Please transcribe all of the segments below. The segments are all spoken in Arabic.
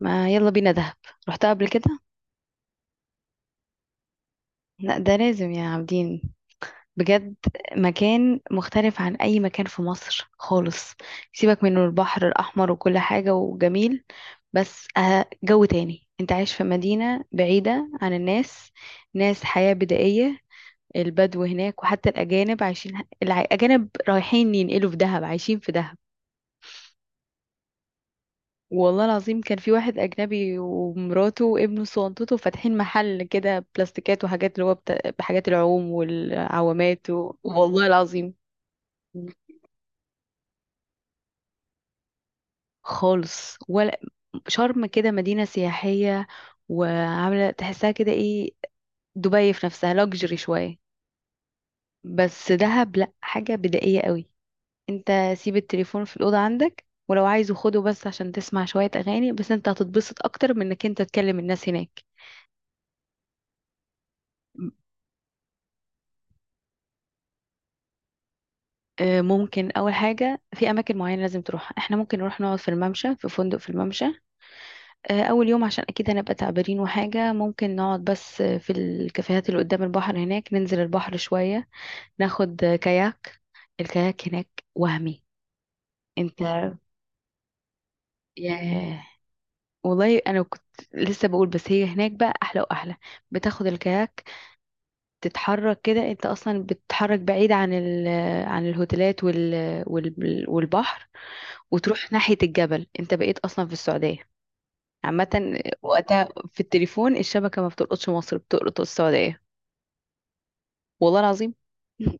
ما يلا بينا دهب. رحتها قبل كده. لا، ده لازم يا عابدين. بجد. مكان مختلف عن اي مكان في مصر خالص. سيبك من البحر الاحمر وكل حاجة وجميل. بس جو تاني، انت عايش في مدينة بعيدة عن الناس. ناس، حياة بدائية. البدو هناك وحتى الاجانب عايشين الاجانب رايحين ينقلوا في دهب، عايشين في دهب. والله العظيم، كان في واحد أجنبي ومراته وابنه صنطته فاتحين محل كده بلاستيكات وحاجات اللي هو بحاجات العوم والعوامات والله العظيم. خالص ولا. شرم كده مدينة سياحية. وعاملة تحسها كده ايه؟ دبي في نفسها لاكجري شوية. بس دهب لأ، حاجة بدائية قوي. انت. سيب التليفون في الأوضة عندك، ولو عايزه خده بس عشان تسمع شوية أغاني، بس انت هتتبسط أكتر من انك انت تكلم الناس هناك. ممكن اول حاجه في اماكن معينه لازم تروح، احنا ممكن نروح نقعد في الممشى، في فندق في الممشى. اول يوم عشان اكيد هنبقى تعبانين وحاجه، ممكن نقعد بس في الكافيهات اللي قدام البحر، هناك ننزل البحر شويه. ناخد كاياك. الكاياك هناك وهمي. انت. ياه. والله انا كنت. لسه بقول، بس هي هناك بقى احلى واحلى. بتاخد الكاياك. تتحرك كده، انت اصلا بتتحرك بعيد عن عن الهوتيلات والبحر. وتروح ناحية الجبل، انت بقيت اصلا في السعودية. عامة وقتها في التليفون، الشبكة ما بتلقطش مصر، بتلقط السعودية. والله العظيم.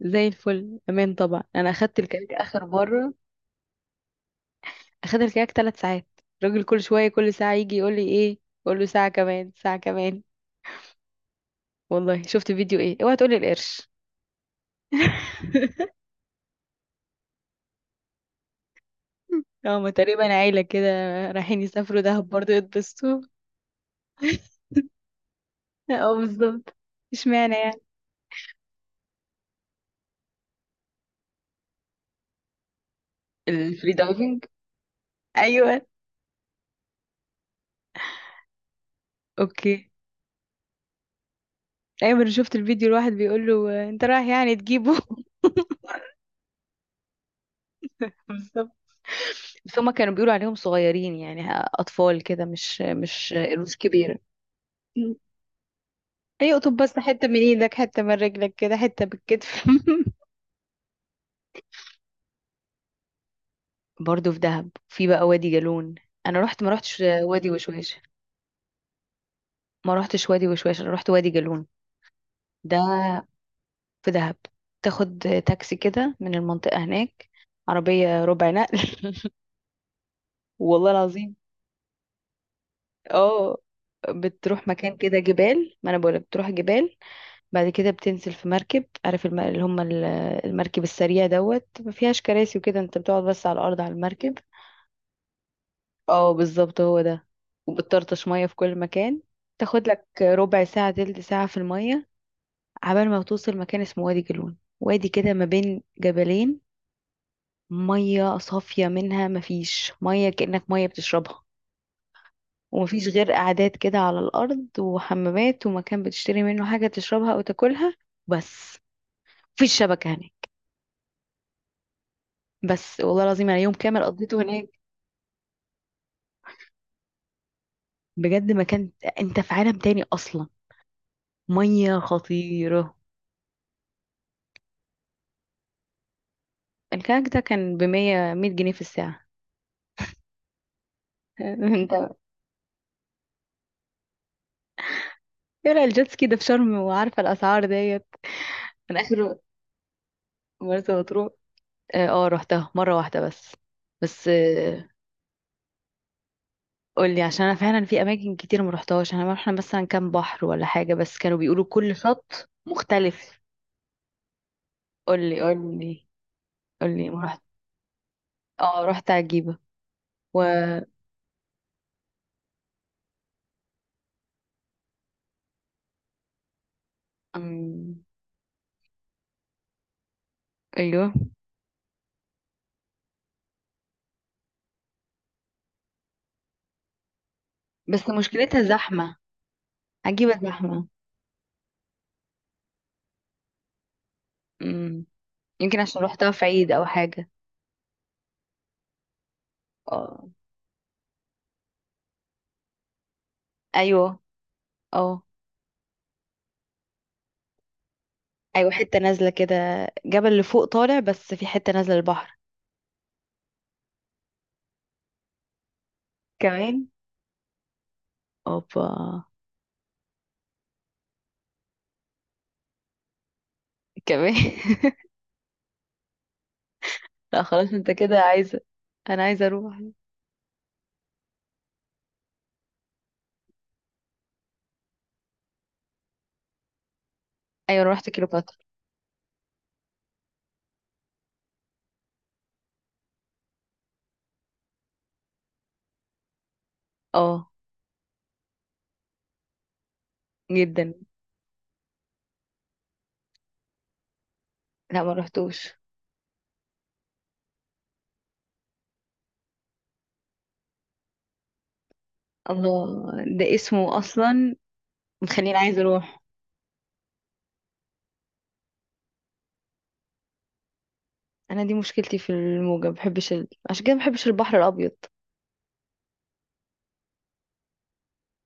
زي الفل، امان طبعا، انا اخدت الكاك اخر مرة. اخدت الكاك 3 ساعات. الراجل كل شوية كل ساعة يجي يقول لي ايه؟ اقول له ساعة كمان، ساعة كمان. والله شفت فيديو، ايه، اوعى تقولي القرش. هما تقريبا عيلة كده. رايحين يسافروا دهب برضه يتبسطوا. اه، بالظبط. اشمعنى يعني؟ الفري دايفنج. ايوه. اوكي. ايوه، انا شفت الفيديو الواحد بيقول له انت رايح يعني تجيبه. بالظبط. بس هما كانوا بيقولوا عليهم صغيرين يعني اطفال كده، مش قروش كبيره. مم. يقطب بس حته من ايدك، حته من رجلك كده، حته بالكتف. برضه في دهب، في بقى وادي جالون. انا رحت، ما رحتش وادي وشواش. ما رحتش وادي وشواش، انا رحت وادي جالون. ده. في دهب. تاخد. تاكسي كده من المنطقه هناك. عربيه ربع نقل. والله العظيم. اه. بتروح مكان كده جبال، ما انا بقولك بتروح جبال. بعد كده بتنزل في مركب، عارف اللي هم المركب السريع دوت، ما فيهاش كراسي وكده، انت بتقعد بس على الارض على المركب. اه بالظبط، هو ده. وبتطرطش ميه في كل مكان. تاخد لك ربع ساعه تلت ساعه في الميه. عبال ما توصل مكان اسمه وادي جالون، وادي كده ما بين جبلين. ميه صافيه منها ما فيش ميه، كأنك ميه بتشربها. ومفيش غير قعدات كده على الأرض، وحمامات، ومكان بتشتري منه حاجة تشربها أو تاكلها. بس. مفيش شبكة هناك. بس والله العظيم، أنا يوم كامل قضيته هناك. بجد مكان. أنت في عالم تاني أصلا. مية خطيرة. الكاك ده كان بمية مية جنيه في الساعة. انت. يلا، الجيتسكي ده في شرم وعارفة الأسعار ديت. من آخر. مرسى مطروح. اه، روحتها مرة واحدة بس. بس. قولي، عشان انا فعلا في اماكن كتير ما رحتهاش، انا رحنا مثلا كام بحر ولا حاجه، بس كانوا بيقولوا كل شط مختلف. قولي قولي. قولي، ما رحت. اه، رحت عجيبه. و. أم، ايوه. بس مشكلتها زحمه. عجيبه زحمه. امم. يمكن عشان رحتها في عيد او حاجه. اه. ايوه. اه. ايوه، حته نازله كده. جبل لفوق طالع، بس في حته نازله البحر. كمان. اوبا. كمان. لا خلاص، انت كده عايزه. انا عايزه اروح. ايوه أنا رحت كيلوباترا. اه. جدا. لا، ما رحتوش. الله. ده اسمه اصلا؟ مخليني عايزه اروح. انا دي مشكلتي في الموجه، ما بحبش عشان كده ما بحبش البحر الابيض.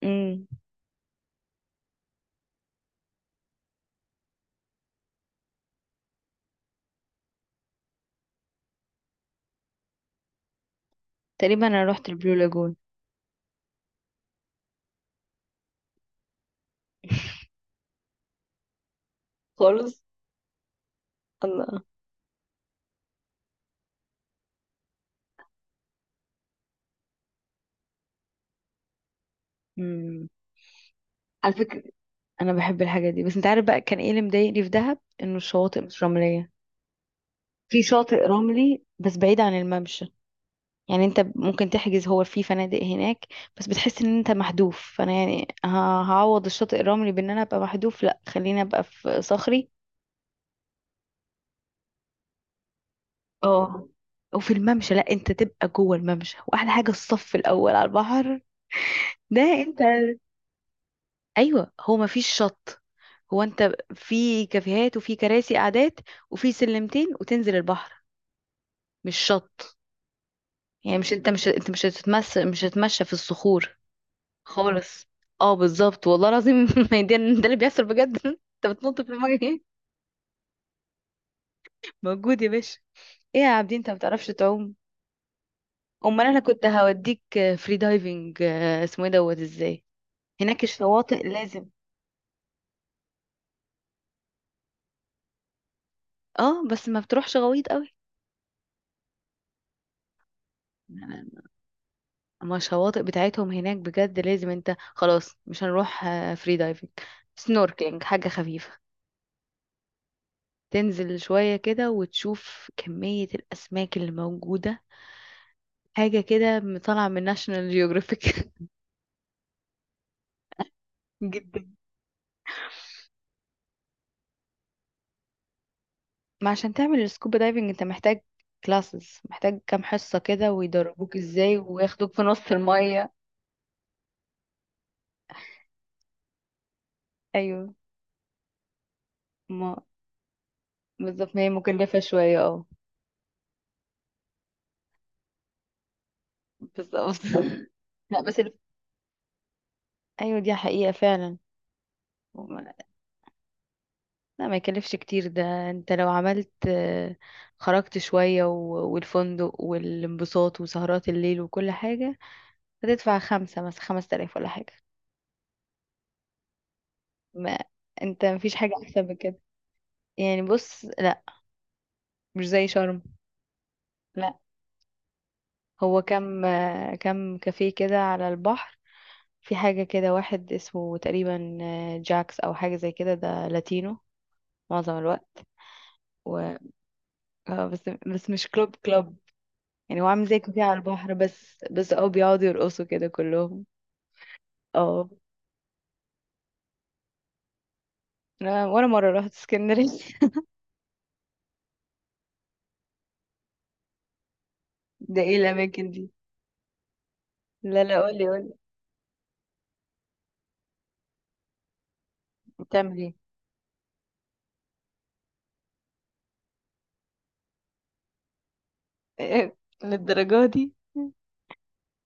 امم. تقريبا انا رحت البلو لاجون. خالص. الله. امم. على فكره. انا بحب الحاجه دي، بس انت عارف بقى كان ايه اللي مضايقني في دهب؟ انه الشواطئ مش رمليه. في شاطئ رملي بس بعيد عن الممشى. يعني انت ممكن تحجز، هو في فنادق هناك. بس بتحس ان انت محذوف، فانا يعني هعوض الشاطئ الرملي بان انا ابقى محذوف، لا خليني ابقى في صخري. اه. وفي الممشى، لا انت تبقى جوه الممشى، واحلى حاجه الصف الاول على البحر. ده انت. ايوه، هو ما فيش شط. هو انت في كافيهات وفي كراسي قعدات. وفي سلمتين وتنزل البحر. مش شط. يعني مش انت مش هتتمشى في الصخور. خالص. اه بالظبط والله العظيم. ما هي ده اللي بيحصل بجد. انت بتنط في الميه، ايه؟ موجود يا باشا. ايه يا عابدين، انت ما بتعرفش تعوم؟ امال انا كنت هوديك. فري دايفنج، اسمه ايه دوت ازاي. هناك الشواطئ لازم. اه، بس ما بتروحش غويط قوي. ما الشواطئ بتاعتهم هناك بجد لازم، انت خلاص مش هنروح فري دايفنج. سنوركلينج، حاجة خفيفة. تنزل شوية كده وتشوف كمية الأسماك اللي موجودة. حاجة كده طالعة من ناشونال جيوغرافيك. جدا. ما عشان تعمل السكوبا دايفنج، انت محتاج. كلاسز، محتاج كام حصة كده ويدربوك ازاي، وياخدوك في نص المية. ايوه. ما. بالظبط، ما هي مكلفة شوية اه. بالظبط. لا بس ايوه، دي حقيقة فعلا. وما- لا ما يكلفش كتير، ده انت لو عملت خرجت شوية والفندق والانبساط وسهرات الليل وكل حاجة، هتدفع خمسة، مثلا خمس تلاف ولا حاجة. ما. انت مفيش حاجة احسن من كده. يعني بص، لا. مش زي شرم. لا. هو كم كافيه كده على البحر. في حاجة كده واحد اسمه تقريبا جاكس أو حاجة زي كده، ده لاتينو. معظم الوقت. و... بس مش كلوب كلوب. يعني هو عامل زي كافيه على البحر، بس اه بيقعدوا يرقصوا كده كلهم. اه، ولا مرة رحت اسكندرية. ده ايه الأماكن دي؟ لا لا، قولي قولي. بتعمل ايه؟ إيه، للدرجة دي؟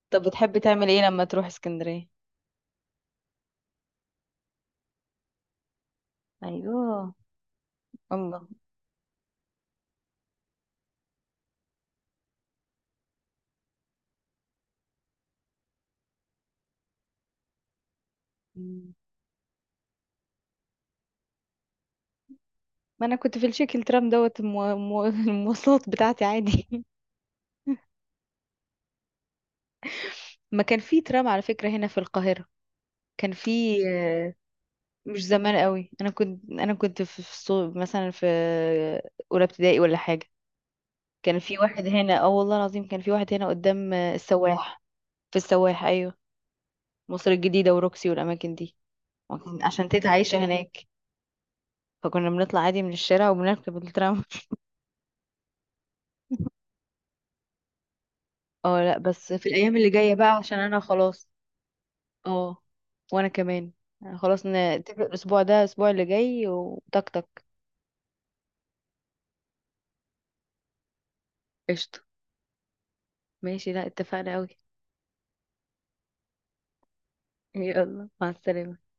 طب، بتحب تعمل ايه لما تروح اسكندرية؟ ايوه. الله. ما انا كنت في الشكل ترام دوت المواصلات بتاعتي عادي. ما كان في ترام على فكرة هنا في القاهرة. كان في مش زمان قوي، انا كنت في مثلا في اولى ابتدائي ولا حاجة. كان في واحد هنا، اه والله العظيم، كان في واحد هنا قدام السواح. في السواح، ايوه. مصر الجديدة وروكسي والاماكن دي. عشان تيتا عايشة هناك. فكنا بنطلع عادي من الشارع وبنركب الترام. اه، لا بس في الايام اللي جاية بقى عشان انا خلاص. اه. وانا كمان. يعني خلاص، نتفق الاسبوع ده الاسبوع اللي جاي وتك تك. قشطة. ماشي، لا اتفقنا قوي. يلا مع السلامة.